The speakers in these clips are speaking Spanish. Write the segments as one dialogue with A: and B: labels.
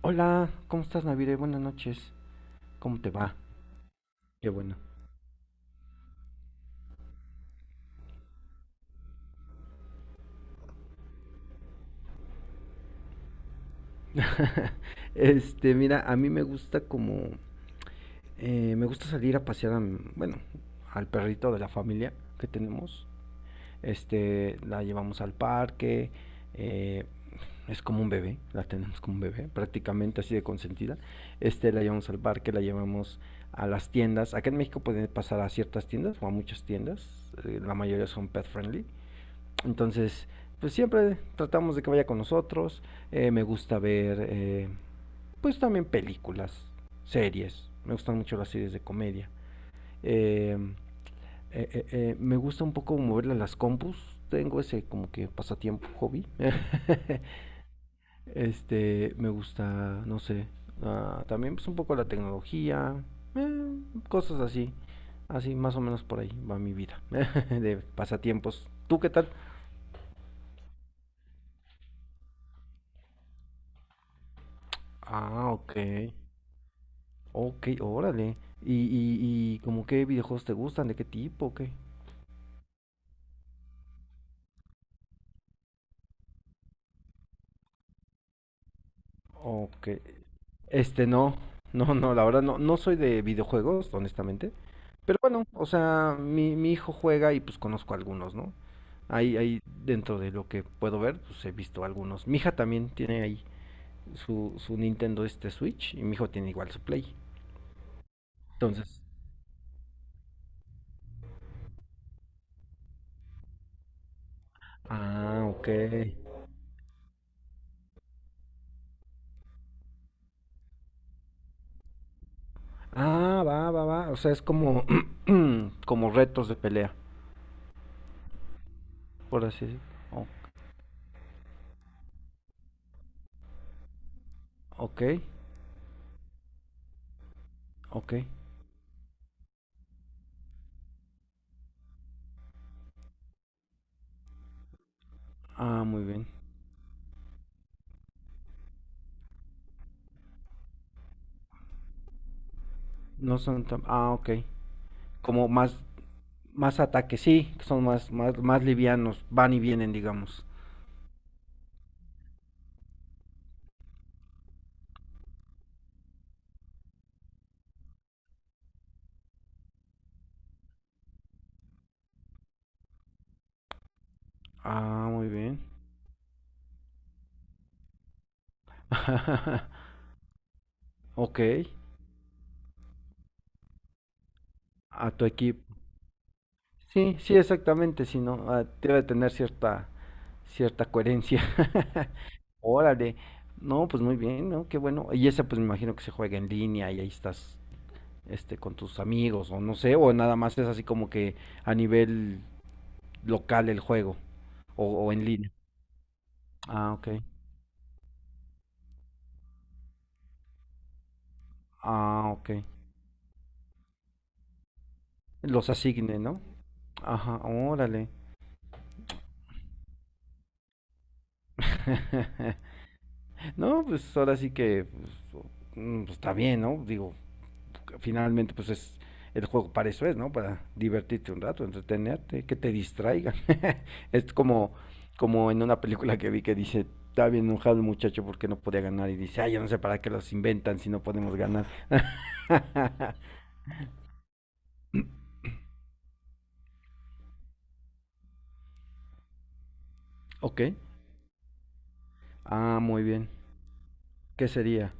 A: Hola, ¿cómo estás, Navire? Buenas noches. ¿Cómo te va? Qué bueno. Este, mira, a mí me gusta como, me gusta salir a pasear, bueno, al perrito de la familia que tenemos. Este, la llevamos al parque, eh, es como un bebé, la tenemos como un bebé, prácticamente así de consentida. Este, la llevamos al parque, la llevamos a las tiendas. Acá en México pueden pasar a ciertas tiendas o a muchas tiendas, la mayoría son pet friendly. Entonces, pues siempre tratamos de que vaya con nosotros. Me gusta ver, pues también películas, series. Me gustan mucho las series de comedia. Eh, eh, me gusta un poco moverle a las compus. Tengo ese como que pasatiempo, hobby. Este, me gusta, no sé, ah, también pues un poco la tecnología, eh, cosas así. Así, más o menos por ahí va mi vida de pasatiempos. ¿Tú qué tal? Ah, ok. Ok, órale. ¿Y como qué videojuegos te gustan? ¿De qué tipo? ¿O qué? Ok. Este, no. No, no, la verdad no, no soy de videojuegos, honestamente. Pero bueno, o sea, mi hijo juega y pues conozco algunos, ¿no? Ahí dentro de lo que puedo ver, pues he visto algunos. Mi hija también tiene ahí su Nintendo Switch y mi hijo tiene igual su Play. Entonces, ah, ok. Ah, va, va, va. O sea, es como, como retos de pelea, por así decirlo. Ok, ok. Ah, muy bien. No son tan. Ah, ok. Como más, más ataques, sí, son más, más, más livianos, van y vienen, digamos. Ah, muy bien. Ok, a tu equipo. Sí, sí, exactamente, si no, debe tener cierta, coherencia. Órale. No, pues muy bien, ¿no? Qué bueno. Y esa pues me imagino que se juega en línea y ahí estás, este, con tus amigos o no sé, o nada más es así como que a nivel local el juego o en línea. Ah, ok. Ah, ok. Los asigne, ¿no? Ajá, órale. No, pues ahora sí que pues, pues, está bien, ¿no? Digo, finalmente pues es el juego para eso es, ¿no? Para divertirte un rato, entretenerte, que te distraigan. Es como en una película que vi que dice, está bien enojado el muchacho porque no podía ganar y dice, ay, yo no sé para qué los inventan si no podemos ganar. Ok. Ah, muy bien. ¿Qué sería?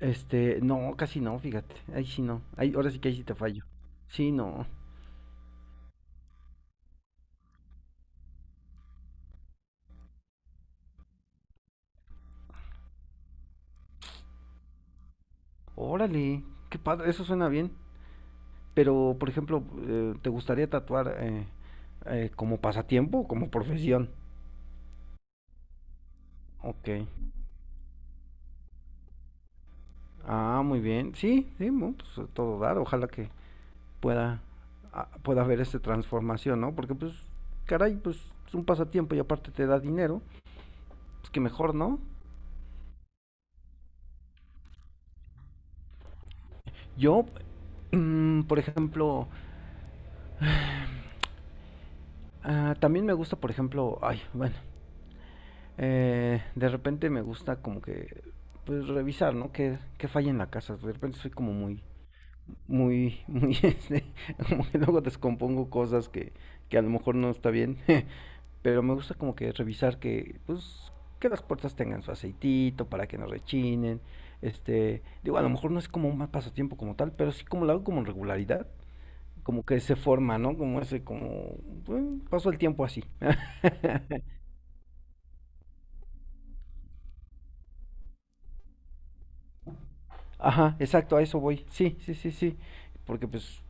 A: Este, no, casi no, fíjate. Ahí sí no. Ahí, ahora sí que ahí sí te fallo. Sí, no. Órale, qué padre, eso suena bien. Pero, por ejemplo, ¿te gustaría tatuar como pasatiempo o como profesión? Ok. Ah, muy bien. Sí, sí, bueno, pues a todo dar. Ojalá que pueda, pueda haber esta transformación, ¿no? Porque, pues, caray, pues es un pasatiempo y aparte te da dinero. Pues que mejor, ¿no? Yo, por ejemplo, ah, también me gusta, por ejemplo, ay, bueno. De repente me gusta como que pues revisar, ¿no? Que falla en la casa. De repente soy como muy, muy, muy, este, como que luego descompongo cosas que a lo mejor no está bien. Pero me gusta como que revisar que las puertas tengan su aceitito para que no rechinen. Este, digo, a lo mejor no es como un mal pasatiempo como tal, pero sí como lo hago como en regularidad. Como que se forma, ¿no? Como ese, como, bueno, paso el tiempo así. Ajá, exacto, a eso voy. Sí, sí, sí, sí. Porque pues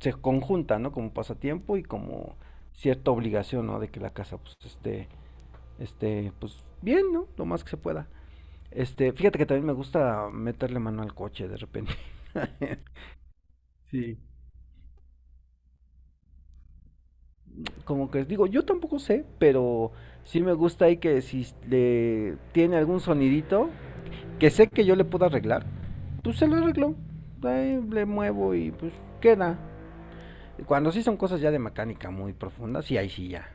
A: se conjunta, ¿no? Como pasatiempo y como cierta obligación, ¿no? De que la casa pues esté pues bien, ¿no? Lo más que se pueda. Este, fíjate que también me gusta meterle mano al coche de repente. Sí. Como que digo, yo tampoco sé, pero sí me gusta ahí que si le tiene algún sonidito que sé que yo le puedo arreglar, pues se lo arreglo. Ahí le muevo y pues queda. Cuando sí son cosas ya de mecánica muy profundas, sí, ahí sí ya.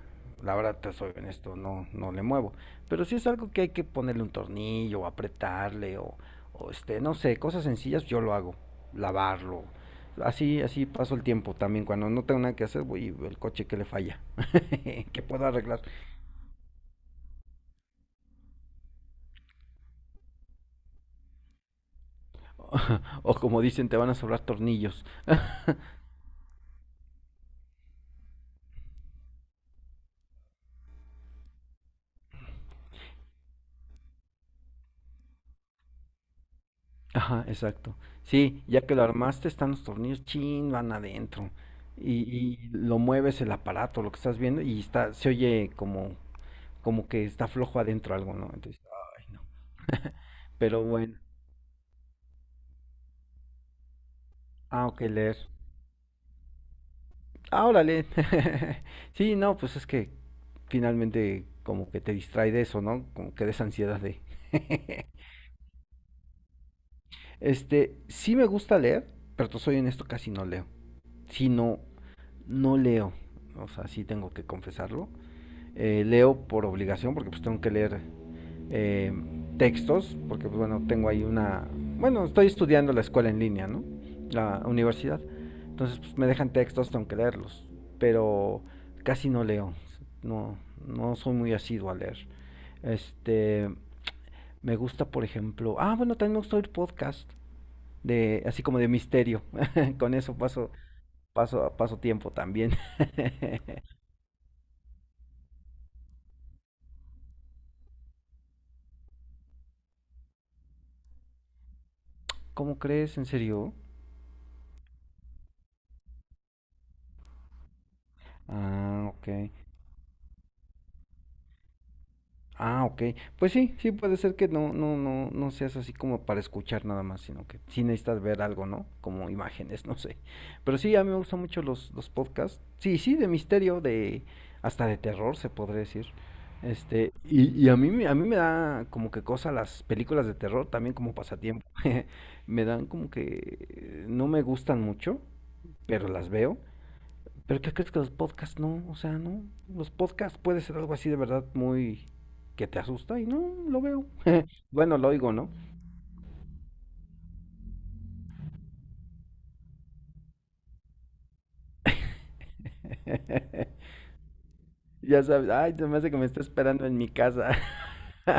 A: La verdad, te soy honesto, no, no le muevo. Pero sí es algo que hay que ponerle un tornillo, o apretarle, o este, no sé, cosas sencillas, yo lo hago. Lavarlo. Así, así paso el tiempo también. Cuando no tengo nada que hacer, voy el coche que le falla, que puedo arreglar. O o como dicen, te van a sobrar tornillos. Ajá, exacto. Sí, ya que lo armaste, están los tornillos, chin, van adentro. Y, y lo mueves el aparato, lo que estás viendo, y está, se oye como que está flojo adentro algo, ¿no? Entonces, ay, no. Pero bueno, ah, ok, leer. Ah, órale. Sí, no, pues es que finalmente como que te distrae de eso, ¿no? Como que de esa ansiedad de. Este, sí me gusta leer, pero te soy honesto, casi no leo. Si no, no leo. O sea, sí tengo que confesarlo. Leo por obligación, porque pues tengo que leer eh, textos, porque pues bueno, tengo ahí una, bueno, estoy estudiando la escuela en línea, ¿no? La universidad. Entonces pues me dejan textos, tengo que leerlos, pero casi no leo, no, no soy muy asiduo a leer. Este, me gusta, por ejemplo, ah, bueno, también me gusta oír podcast de así como de misterio. Con eso paso tiempo también. ¿Cómo crees? ¿En serio? Ah, ok. Ah, ok. Pues sí, sí puede ser que no, no, no, no seas así como para escuchar nada más, sino que sí necesitas ver algo, ¿no? Como imágenes, no sé. Pero sí, a mí me gustan mucho los podcasts. Sí, sí, de misterio, de hasta de terror se podría decir. Este, y a mí, a mí me da como que cosa las películas de terror también como pasatiempo. Me dan como que no me gustan mucho, pero las veo. Pero ¿qué crees que los podcasts no? O sea, no. Los podcasts puede ser algo así de verdad muy que te asusta y no lo veo. Bueno, lo oigo, ¿no? Ya sabes, ay, se me hace que me está esperando en mi casa.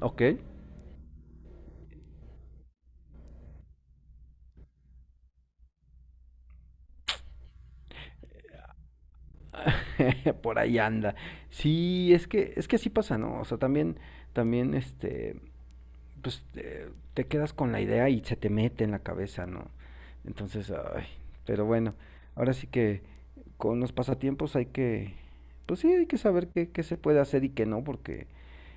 A: Ok, por ahí anda. Sí, es que así pasa, ¿no? O sea, también este pues te quedas con la idea y se te mete en la cabeza, ¿no? Entonces, ay, pero bueno, ahora sí que con los pasatiempos hay que, pues sí, hay que saber qué se puede hacer y qué no, porque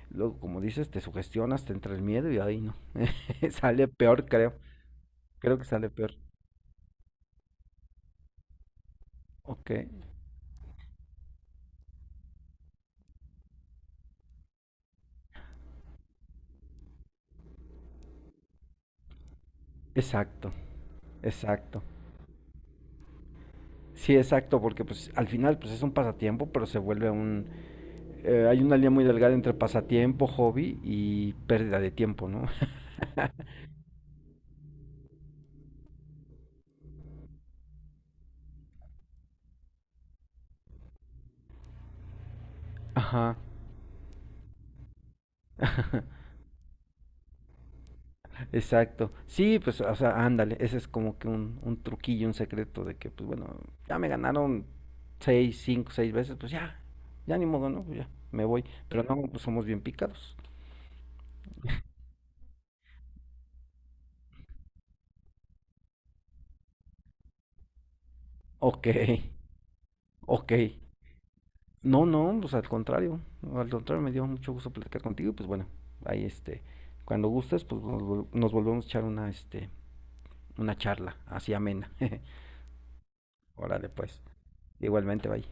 A: luego, como dices, te sugestionas, te entra el miedo y ahí no, sale peor, creo, que sale peor. Ok, exacto, exacto. Sí, exacto, porque pues al final pues es un pasatiempo, pero se vuelve un. Hay una línea muy delgada entre pasatiempo, hobby y pérdida de tiempo, ¿no? Ajá. Exacto. Sí, pues, o sea, ándale, ese es como que un truquillo, un secreto de que, pues bueno, ya me ganaron seis, cinco, seis veces, pues ya, ya ni modo, ¿no? Pues ya, me voy. Pero no, pues somos bien picados. Ok, ok. No, no, pues al contrario, me dio mucho gusto platicar contigo, pues bueno, ahí este, cuando gustes, pues nos volvemos a echar una charla así amena. Órale, pues, igualmente, bye.